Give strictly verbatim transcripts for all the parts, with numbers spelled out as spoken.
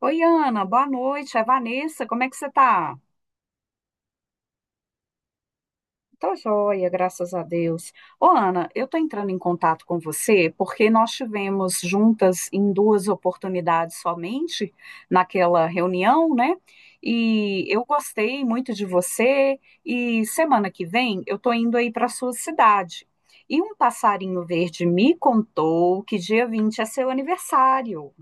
Oi, Ana, boa noite. É Vanessa, como é que você tá? Tô joia, graças a Deus. Ô, Ana, eu tô entrando em contato com você porque nós tivemos juntas em duas oportunidades somente naquela reunião, né? E eu gostei muito de você e semana que vem eu tô indo aí para sua cidade. E um passarinho verde me contou que dia vinte é seu aniversário.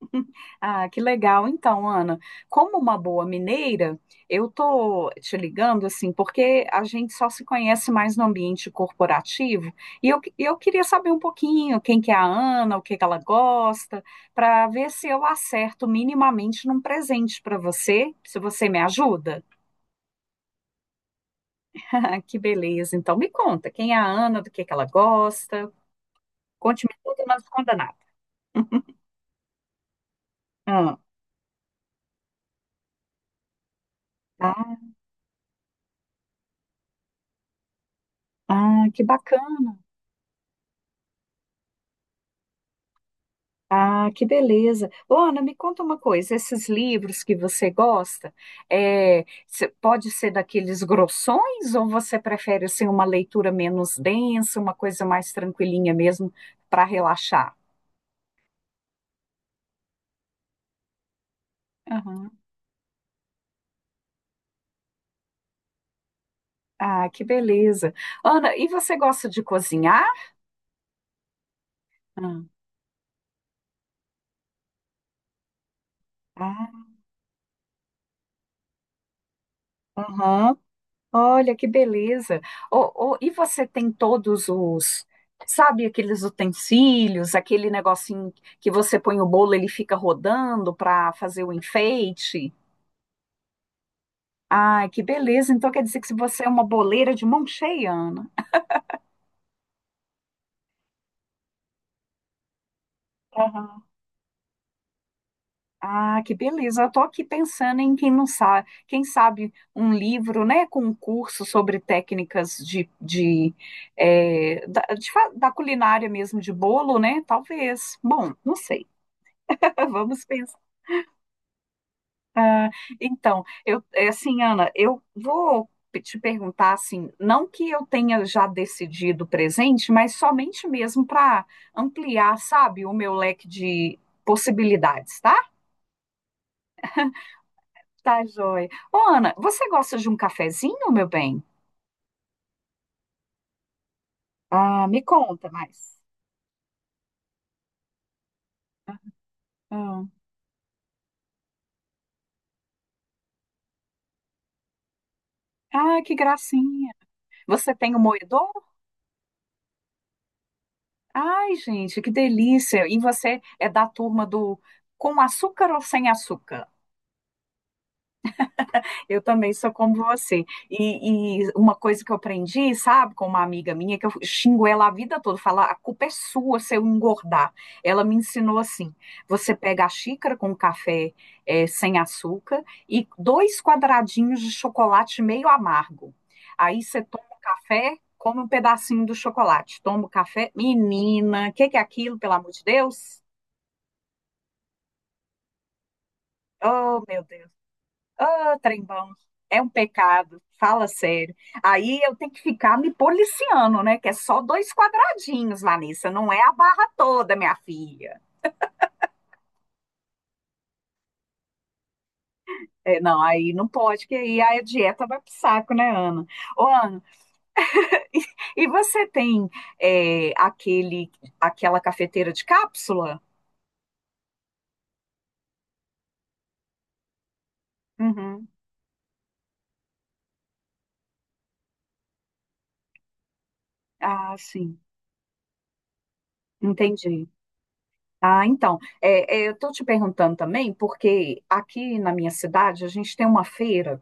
Ah, que legal. Então, Ana, como uma boa mineira, eu tô te ligando assim, porque a gente só se conhece mais no ambiente corporativo, e eu, eu queria saber um pouquinho quem que é a Ana, o que que ela gosta, para ver se eu acerto minimamente num presente para você, se você me ajuda. Que beleza. Então, me conta, quem é a Ana, do que que ela gosta? Conte-me tudo, não esconda nada. Ah, ah, ah, que bacana. Ah, que beleza. Ô, Ana. Me conta uma coisa, esses livros que você gosta, é, cê- pode ser daqueles grossões ou você prefere assim, uma leitura menos densa, uma coisa mais tranquilinha mesmo para relaxar? Aham. Ah, que beleza. Ana, e você gosta de cozinhar? Ah, ah, aham. Olha que beleza. Ô, ô, e você tem todos os, sabe, aqueles utensílios, aquele negocinho que você põe o bolo, ele fica rodando para fazer o enfeite? Ai, que beleza. Então quer dizer que se você é uma boleira de mão cheia, Ana. Aham. Ah, que beleza. Eu tô aqui pensando em quem não sabe, quem sabe um livro, né, com um curso sobre técnicas de, de, eh, da, de fa- da culinária mesmo de bolo, né? Talvez. Bom, não sei. Vamos pensar. Então, eu, é assim, Ana, eu vou pe- te perguntar assim, não que eu tenha já decidido o presente, mas somente mesmo para ampliar, sabe, o meu leque de possibilidades, tá? Tá, joia. Ô, Ana, você gosta de um cafezinho, meu bem? Ah, me conta mais. Ah, ah, que gracinha. Você tem o moedor? Ai, gente, que delícia. E você é da turma do com açúcar ou sem açúcar? Eu também sou como você. E, e uma coisa que eu aprendi, sabe, com uma amiga minha, que eu xingo ela a vida toda, falar, a culpa é sua se eu engordar. Ela me ensinou assim: você pega a xícara com café eh, sem açúcar e dois quadradinhos de chocolate meio amargo. Aí você toma o café, come um pedacinho do chocolate, toma o café. Menina, o que que é aquilo, pelo amor de Deus? Oh, meu Deus. Ah, trem bom, é um pecado, fala sério. Aí eu tenho que ficar me policiando, né? Que é só dois quadradinhos, Vanessa, não é a barra toda, minha filha. É, não, aí não pode, que aí a dieta vai pro saco, né, Ana? Ô, Ana, e você tem é, aquele, aquela cafeteira de cápsula? Uhum. Ah, sim, entendi. Ah, então, é, é, eu estou te perguntando também, porque aqui na minha cidade a gente tem uma feira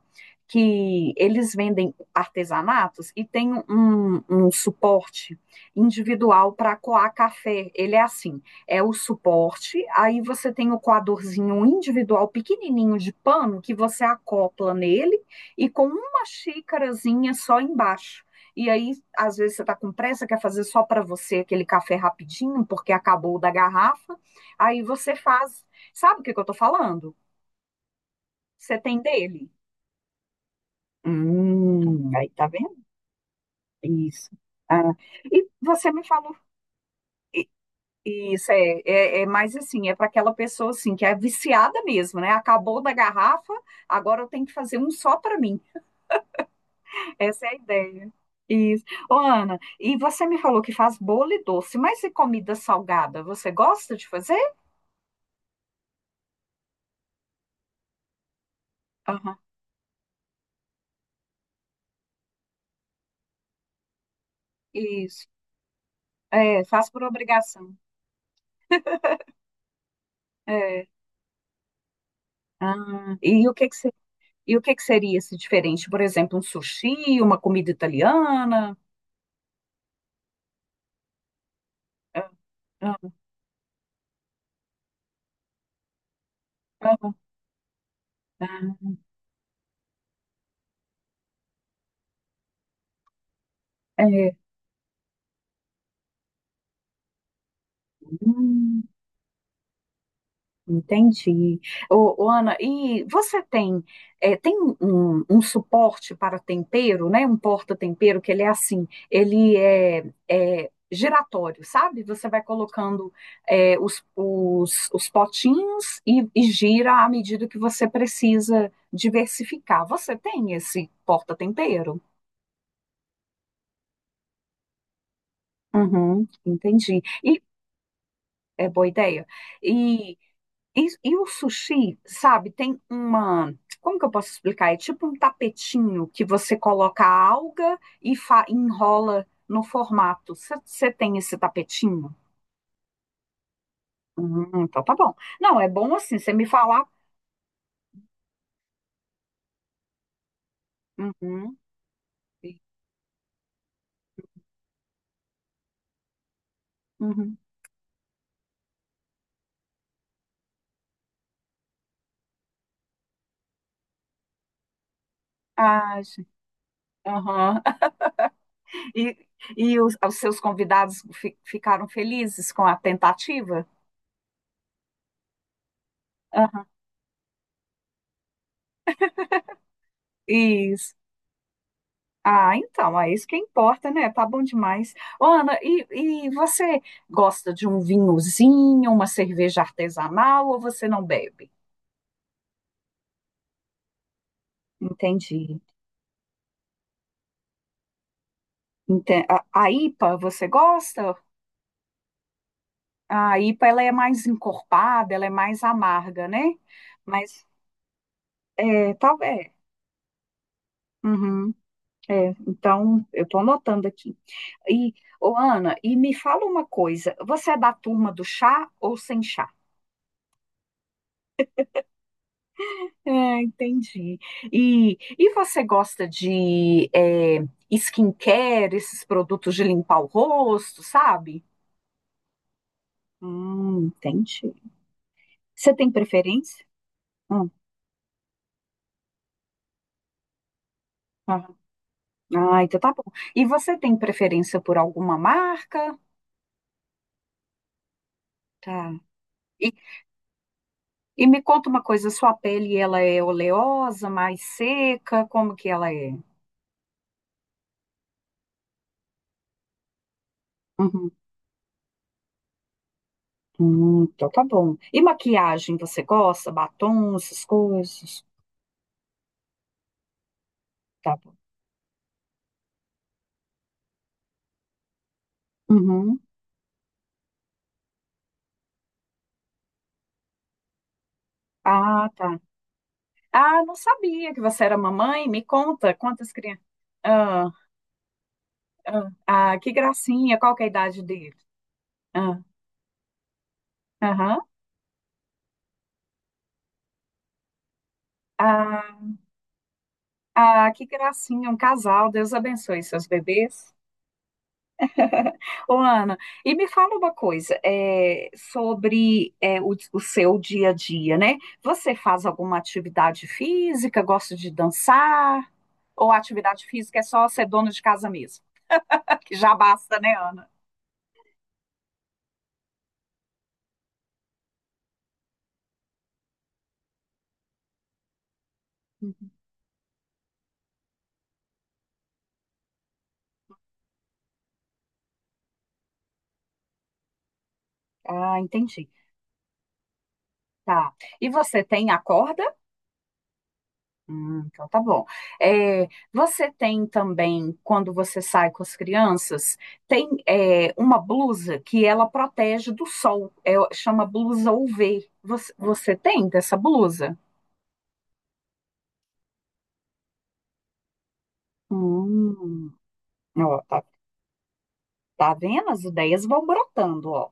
que eles vendem artesanatos e tem um, um suporte individual para coar café. Ele é assim, é o suporte, aí você tem o coadorzinho individual pequenininho de pano que você acopla nele e com uma xícarazinha só embaixo. E aí, às vezes, você está com pressa, quer fazer só para você aquele café rapidinho, porque acabou o da garrafa. Aí você faz. Sabe o que que eu tô falando? Você tem dele. Hum, aí tá vendo? Isso. Ah, e você me falou. Isso é, é, é mais assim, é para aquela pessoa assim que é viciada mesmo, né? Acabou da garrafa, agora eu tenho que fazer um só para mim. Essa é a ideia. Isso. Ô, Ana, e você me falou que faz bolo e doce, mas e comida salgada? Você gosta de fazer? Aham, isso. É, faz por obrigação. É. Ah, e o que que você e o que que seria esse diferente? Por exemplo, um sushi, uma comida italiana? Ah, ah, ah, ah, é, hum, entendi. Ô, ô, Ana, e você tem, é, tem um, um suporte para tempero, né? Um porta-tempero que ele é assim, ele é, é giratório, sabe? Você vai colocando é, os, os, os potinhos e, e gira à medida que você precisa diversificar. Você tem esse porta-tempero? Uhum, entendi. E é boa ideia. E, e, e o sushi, sabe, tem uma. Como que eu posso explicar? É tipo um tapetinho que você coloca a alga e fa- enrola no formato. Você tem esse tapetinho? Uhum, então tá bom. Não, é bom assim, você me falar. Uhum, uhum. Ah, gente. Aham. E, e os, os seus convidados fi- ficaram felizes com a tentativa? Aham. Isso. Ah, então, é isso que importa, né? Tá bom demais. Ô, Ana, e, e você gosta de um vinhozinho, uma cerveja artesanal ou você não bebe? Entendi. Ente- A, a I P A, você gosta? A I P A, ela é mais encorpada, ela é mais amarga, né? Mas, é, talvez. Uhum, é, então, eu tô anotando aqui. E, ô, Ana, e me fala uma coisa, você é da turma do chá ou sem chá? É, entendi. E, e você gosta de é, skincare, esses produtos de limpar o rosto, sabe? Hum, entendi. Você tem preferência? Hum, tá. Ah, então tá bom. E você tem preferência por alguma marca? Tá. E, e me conta uma coisa, sua pele, ela é oleosa, mais seca? Como que ela é? Uhum. Hum, então tá bom. E maquiagem, você gosta? Batom, essas coisas? Tá bom. Uhum. Ah, tá. Ah, não sabia que você era mamãe. Me conta quantas crianças. Ah, ah, ah, que gracinha. Qual que é a idade dele? Ah, aham. Ah, ah, que gracinha. Um casal. Deus abençoe seus bebês. Ô, Ana, e me fala uma coisa é, sobre é, o, o seu dia a dia, né? Você faz alguma atividade física? Gosta de dançar? Ou a atividade física é só ser dona de casa mesmo? Que já basta, né, Ana? Hum. Ah, entendi. Tá. E você tem a corda? Hum, então tá bom. É, você tem também, quando você sai com as crianças, tem é, uma blusa que ela protege do sol. É, chama blusa U V. Você, você tem dessa blusa? Hum, ó, tá, tá vendo? As ideias vão brotando, ó.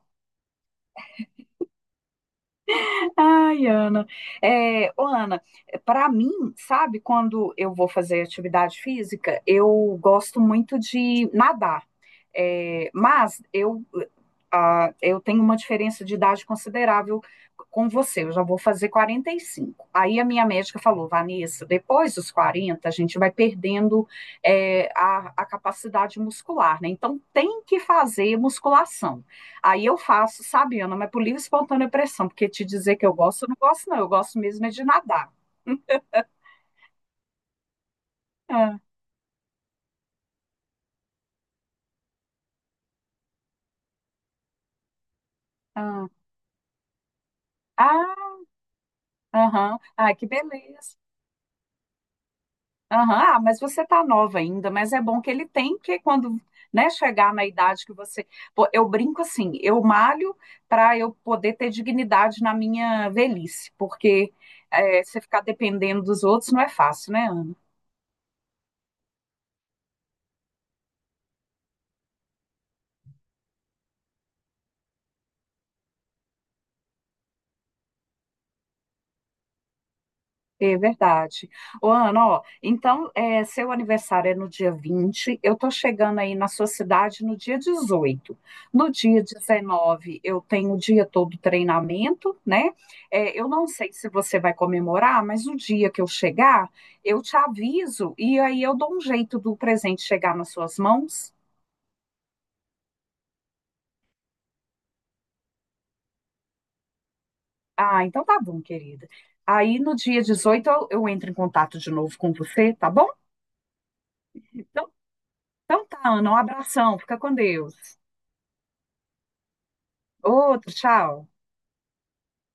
Ai, Ana. É, ô, Ana, para mim, sabe, quando eu vou fazer atividade física, eu gosto muito de nadar. É, mas eu, ah, eu tenho uma diferença de idade considerável com você. Eu já vou fazer quarenta e cinco. Aí a minha médica falou, Vanessa, depois dos quarenta a gente vai perdendo é, a, a capacidade muscular, né? Então tem que fazer musculação. Aí eu faço, sabe, Ana, mas por livre e espontânea pressão, porque te dizer que eu gosto, eu não gosto, não. Eu gosto mesmo é de nadar. Ah, ah, ah, aham, ah, que beleza. Aham, ah, mas você tá nova ainda, mas é bom que ele tem, porque quando, né, chegar na idade que você. Pô, eu brinco assim, eu malho para eu poder ter dignidade na minha velhice, porque é, você ficar dependendo dos outros não é fácil, né, Ana? É verdade. Ô, Ana, ó, então, é, seu aniversário é no dia vinte, eu tô chegando aí na sua cidade no dia dezoito. No dia dezenove eu tenho o dia todo treinamento, né? É, eu não sei se você vai comemorar, mas o dia que eu chegar, eu te aviso e aí eu dou um jeito do presente chegar nas suas mãos. Ah, então tá bom, querida. Aí no dia dezoito eu, eu entro em contato de novo com você, tá bom? Então, então tá, Ana, um abração, fica com Deus. Outro, tchau.